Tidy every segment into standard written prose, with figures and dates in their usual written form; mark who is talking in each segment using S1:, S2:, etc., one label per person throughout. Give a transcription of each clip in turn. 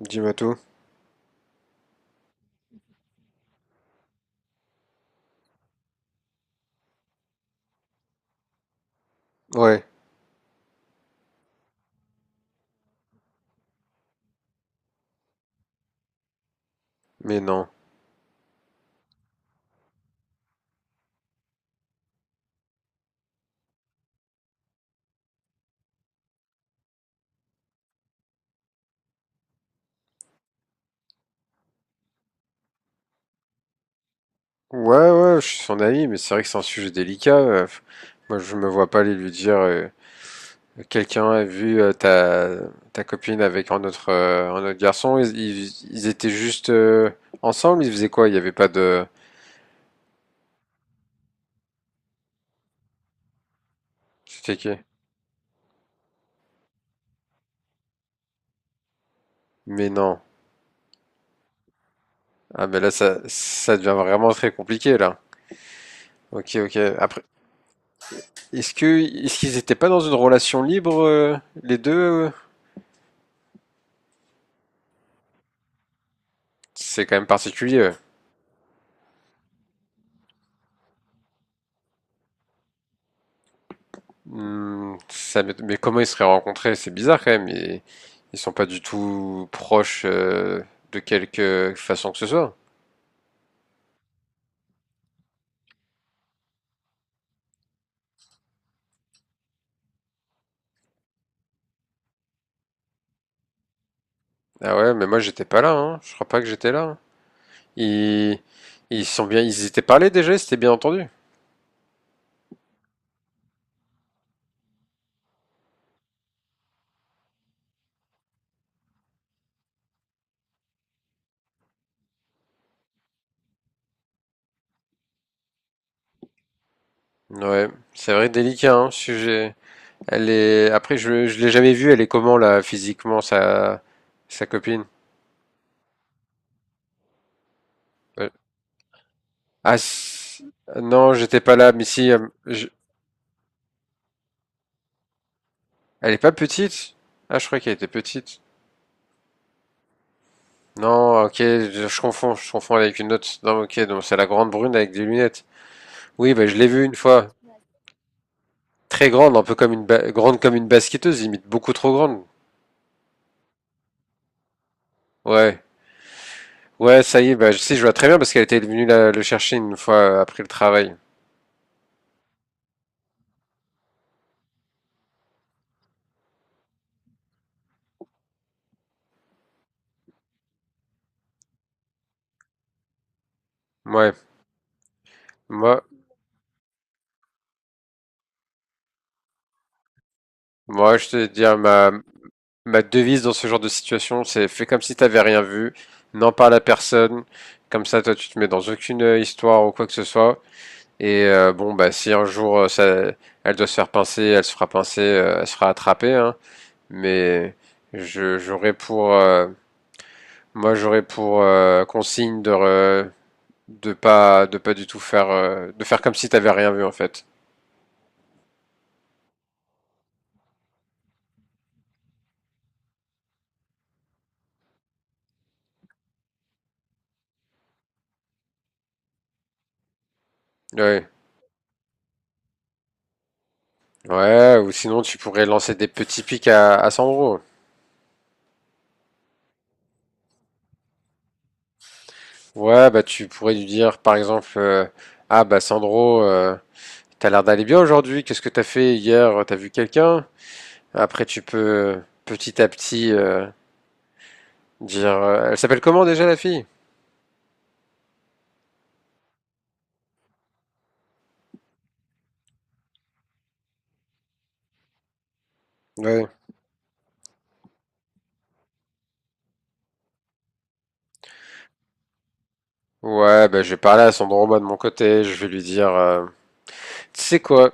S1: Dis-moi tout. Ouais, mais non. Ouais, ouais, je suis son ami, mais c'est vrai que c'est un sujet délicat. Moi, je me vois pas aller lui dire quelqu'un a vu ta copine avec un autre garçon. Ils étaient juste ensemble, ils faisaient quoi? Il n'y avait pas de. C'était qui? Mais non. Ah, mais là, ça devient vraiment très compliqué, là. Ok, ok. Après, est-ce que, est-ce qu'ils étaient pas dans une relation libre, les deux? C'est quand même particulier. Mais comment ils se seraient rencontrés? C'est bizarre quand même. Ils sont pas du tout proches de quelque façon que ce soit. Ah ouais, mais moi j'étais pas là, hein. Je crois pas que j'étais là, hein. Ils, ils sont bien, ils étaient parlés déjà, ils s'étaient bien entendus. Ouais, c'est vrai, délicat, hein, sujet. Elle est, après je l'ai jamais vue. Elle est comment là, physiquement, sa copine? Euh, Ah si- non, j'étais pas là, mais si, elle est pas petite? Ah, je croyais qu'elle était petite. Non, ok, je confonds avec une autre. Non, ok, donc c'est la grande brune avec des lunettes. Oui, bah, je l'ai vue une fois. Très grande, un peu comme une grande comme une basketteuse, limite beaucoup trop grande. Ouais, ouais, ça y est, si, je vois très bien parce qu'elle était venue le chercher une fois après le travail. Ouais, moi, moi, je te dire ma devise dans ce genre de situation, c'est fais comme si t'avais rien vu, n'en parle à personne. Comme ça, toi, tu te mets dans aucune histoire ou quoi que ce soit. Et bon, bah, si un jour elle doit se faire pincer, elle se fera pincer, elle se fera attraper, hein. Mais j'aurais pour, moi, j'aurais pour de pas du tout faire, de faire comme si t'avais rien vu en fait. Ouais, ouais. Ou sinon, tu pourrais lancer des petits pics à Sandro. Ouais, bah, tu pourrais lui dire, par exemple, ah bah Sandro, t'as l'air d'aller bien aujourd'hui. Qu'est-ce que t'as fait hier? T'as vu quelqu'un? Après, tu peux petit à petit. Dire, elle s'appelle comment déjà la fille? Ouais. Ouais, bah, je vais parler à son droma de mon côté, je vais lui dire, tu sais quoi,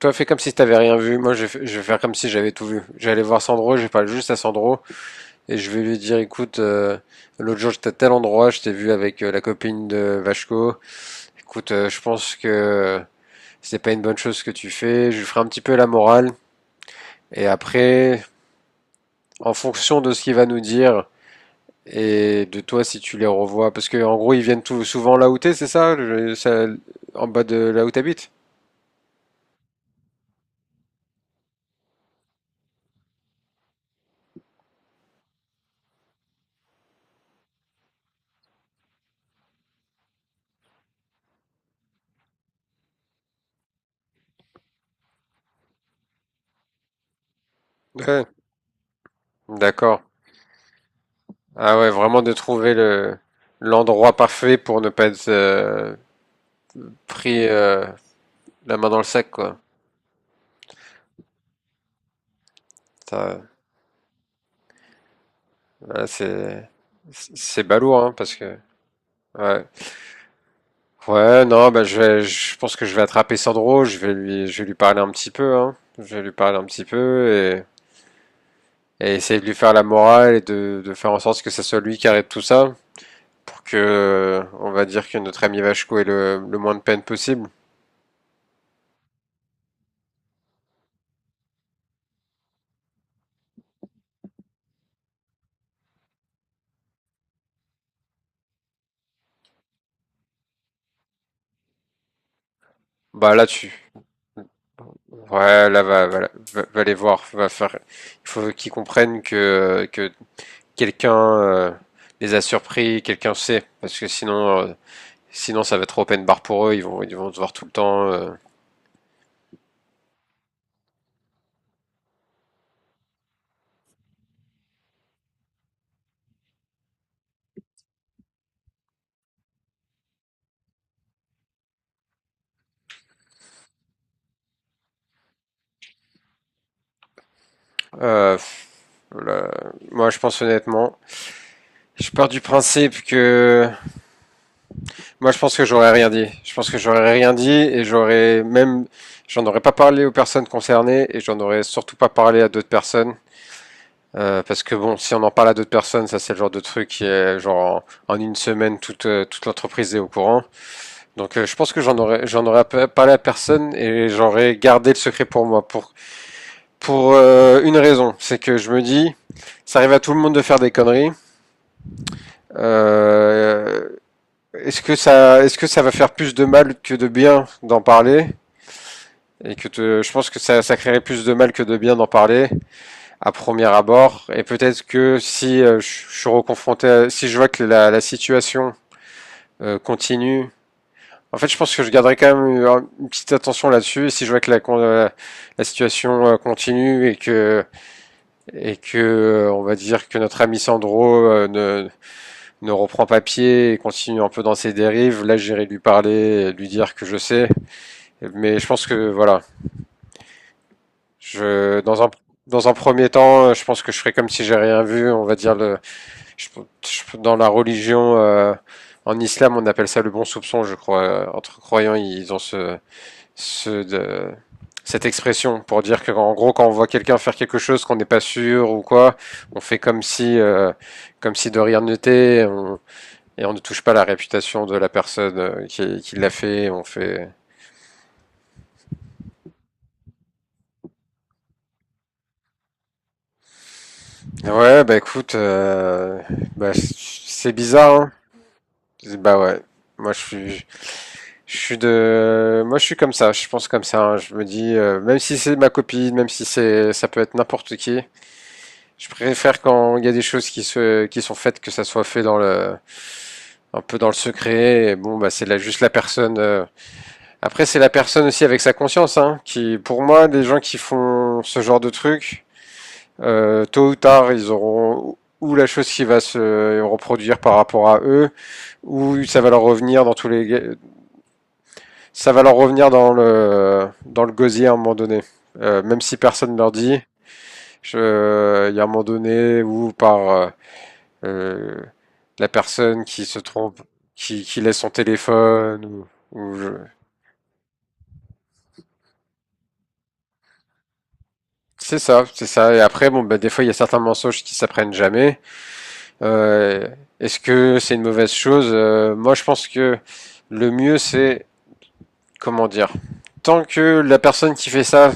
S1: toi fais comme si t'avais rien vu, moi je vais, f- je vais faire comme si j'avais tout vu. J'allais voir Sandro, je vais parler juste à Sandro, et je vais lui dire, écoute, l'autre jour j'étais à tel endroit, je t'ai vu avec la copine de Vachko, écoute, je pense que c'est pas une bonne chose ce que tu fais, je lui ferai un petit peu la morale, et après, en fonction de ce qu'il va nous dire. Et de toi, si tu les revois, parce que en gros, souvent là où t'es, c'est ça, en bas de là où t'habites? Ouais, d'accord. Ah ouais, vraiment de trouver le l'endroit parfait pour ne pas être pris la main dans le sac, quoi. Ça, ouais, c'est balourd, hein, parce que ouais. Ouais, non, je pense que je vais attraper Sandro, je vais lui parler un petit peu, hein. Je vais lui parler un petit peu et essayer de lui faire la morale et de faire en sorte que ce soit lui qui arrête tout ça, pour que, on va dire que notre ami Vachko ait le moins de peine possible. Bah là dessus ouais là va, va les voir, va faire. Il faut qu'ils comprennent que quelqu'un les a surpris, quelqu'un sait, parce que sinon ça va être open bar pour eux, ils vont se voir tout le temps. Euh, là, moi je pense honnêtement, je pars du principe que moi, je pense que j'aurais rien dit. Je pense que j'aurais rien dit et j'aurais même, j'en aurais pas parlé aux personnes concernées et j'en aurais surtout pas parlé à d'autres personnes. Parce que bon, si on en parle à d'autres personnes, ça c'est le genre de truc qui est genre en une semaine toute l'entreprise est au courant. Donc je pense que j'en aurais pas parlé à personne et j'aurais gardé le secret pour moi pour une raison, c'est que je me dis ça arrive à tout le monde de faire des conneries. Euh, est-ce que ça va faire plus de mal que de bien d'en parler je pense que ça créerait plus de mal que de bien d'en parler à premier abord. Et peut-être que si je suis reconfronté, si je vois que la situation continue, en fait, je pense que je garderai quand même une petite attention là-dessus. Et si je vois que la situation continue et que on va dire que notre ami Sandro ne reprend pas pied et continue un peu dans ses dérives, là, j'irai lui parler, et lui dire que je sais. Mais je pense que voilà, Je, dans un, dans un premier temps, je pense que je ferai comme si j'ai rien vu. On va dire le, je- je- Dans la religion, en islam, on appelle ça le bon soupçon, je crois. Entre croyants, ils ont ce de- cette expression pour dire que, en gros, quand on voit quelqu'un faire quelque chose qu'on n'est pas sûr ou quoi, on fait comme si de rien n'était. Et on ne touche pas la réputation de la personne qui l'a fait. On fait. Ouais, bah écoute, bah, c'est bizarre, hein. Bah ouais, moi je suis, moi je suis comme ça, je pense comme ça, hein. Je me dis, même si c'est ma copine, même si c'est, ça peut être n'importe qui, je préfère quand il y a des choses qui sont faites que ça soit fait dans le, un peu dans le secret. Et bon, bah c'est là juste la personne. Après c'est la personne aussi avec sa conscience, hein, qui, pour moi, les gens qui font ce genre de trucs, tôt ou tard, ils auront ou la chose qui va se reproduire par rapport à eux, ou ça va leur revenir dans tous les ça va leur revenir dans dans le gosier à un moment donné. Même si personne ne leur dit, je- il y a un moment donné où par euh, la personne qui se trompe, qui laisse son téléphone, ou je- c'est ça, c'est ça. Et après, bon, bah, des fois, il y a certains mensonges qui s'apprennent jamais. Euh, Est-ce que c'est une mauvaise chose? Moi, je pense que le mieux, c'est comment dire. Tant que la personne qui fait ça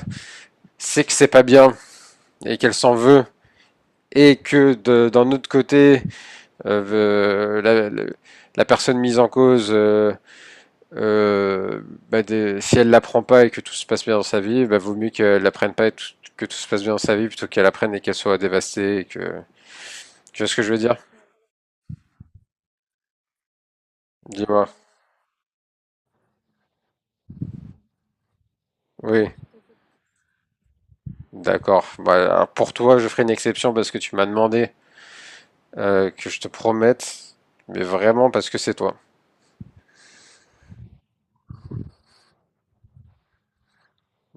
S1: sait que c'est pas bien et qu'elle s'en veut et que d'un autre côté, euh, la, la- la personne mise en cause, euh, si elle l'apprend pas et que tout se passe bien dans sa vie, bah, vaut mieux qu'elle l'apprenne pas et que tout se passe bien dans sa vie plutôt qu'elle apprenne et qu'elle soit dévastée. Et que... Tu vois ce que je veux dire? Dis-moi. Oui, d'accord. Bah, alors, pour toi, je ferai une exception parce que tu m'as demandé que je te promette, mais vraiment parce que c'est toi.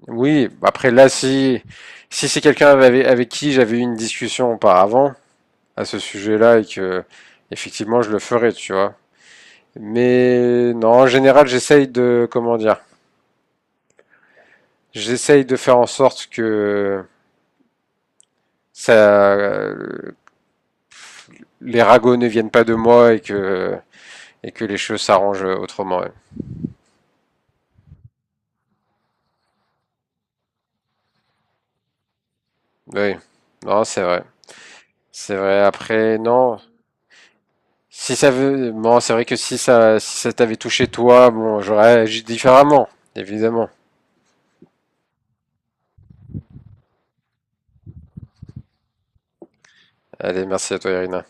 S1: Oui, après là, si c'est quelqu'un avec, avec qui j'avais eu une discussion auparavant, à ce sujet-là et que effectivement je le ferai, tu vois. Mais non, en général, j'essaye de comment dire, j'essaye de faire en sorte que ça, euh, les ragots ne viennent pas de moi et que les choses s'arrangent autrement, ouais. Oui, non, c'est vrai, c'est vrai. Après, non. Si ça veut, bon, c'est vrai que si si ça t'avait touché toi, bon, j'aurais agi différemment, évidemment. Allez, merci à toi, Irina.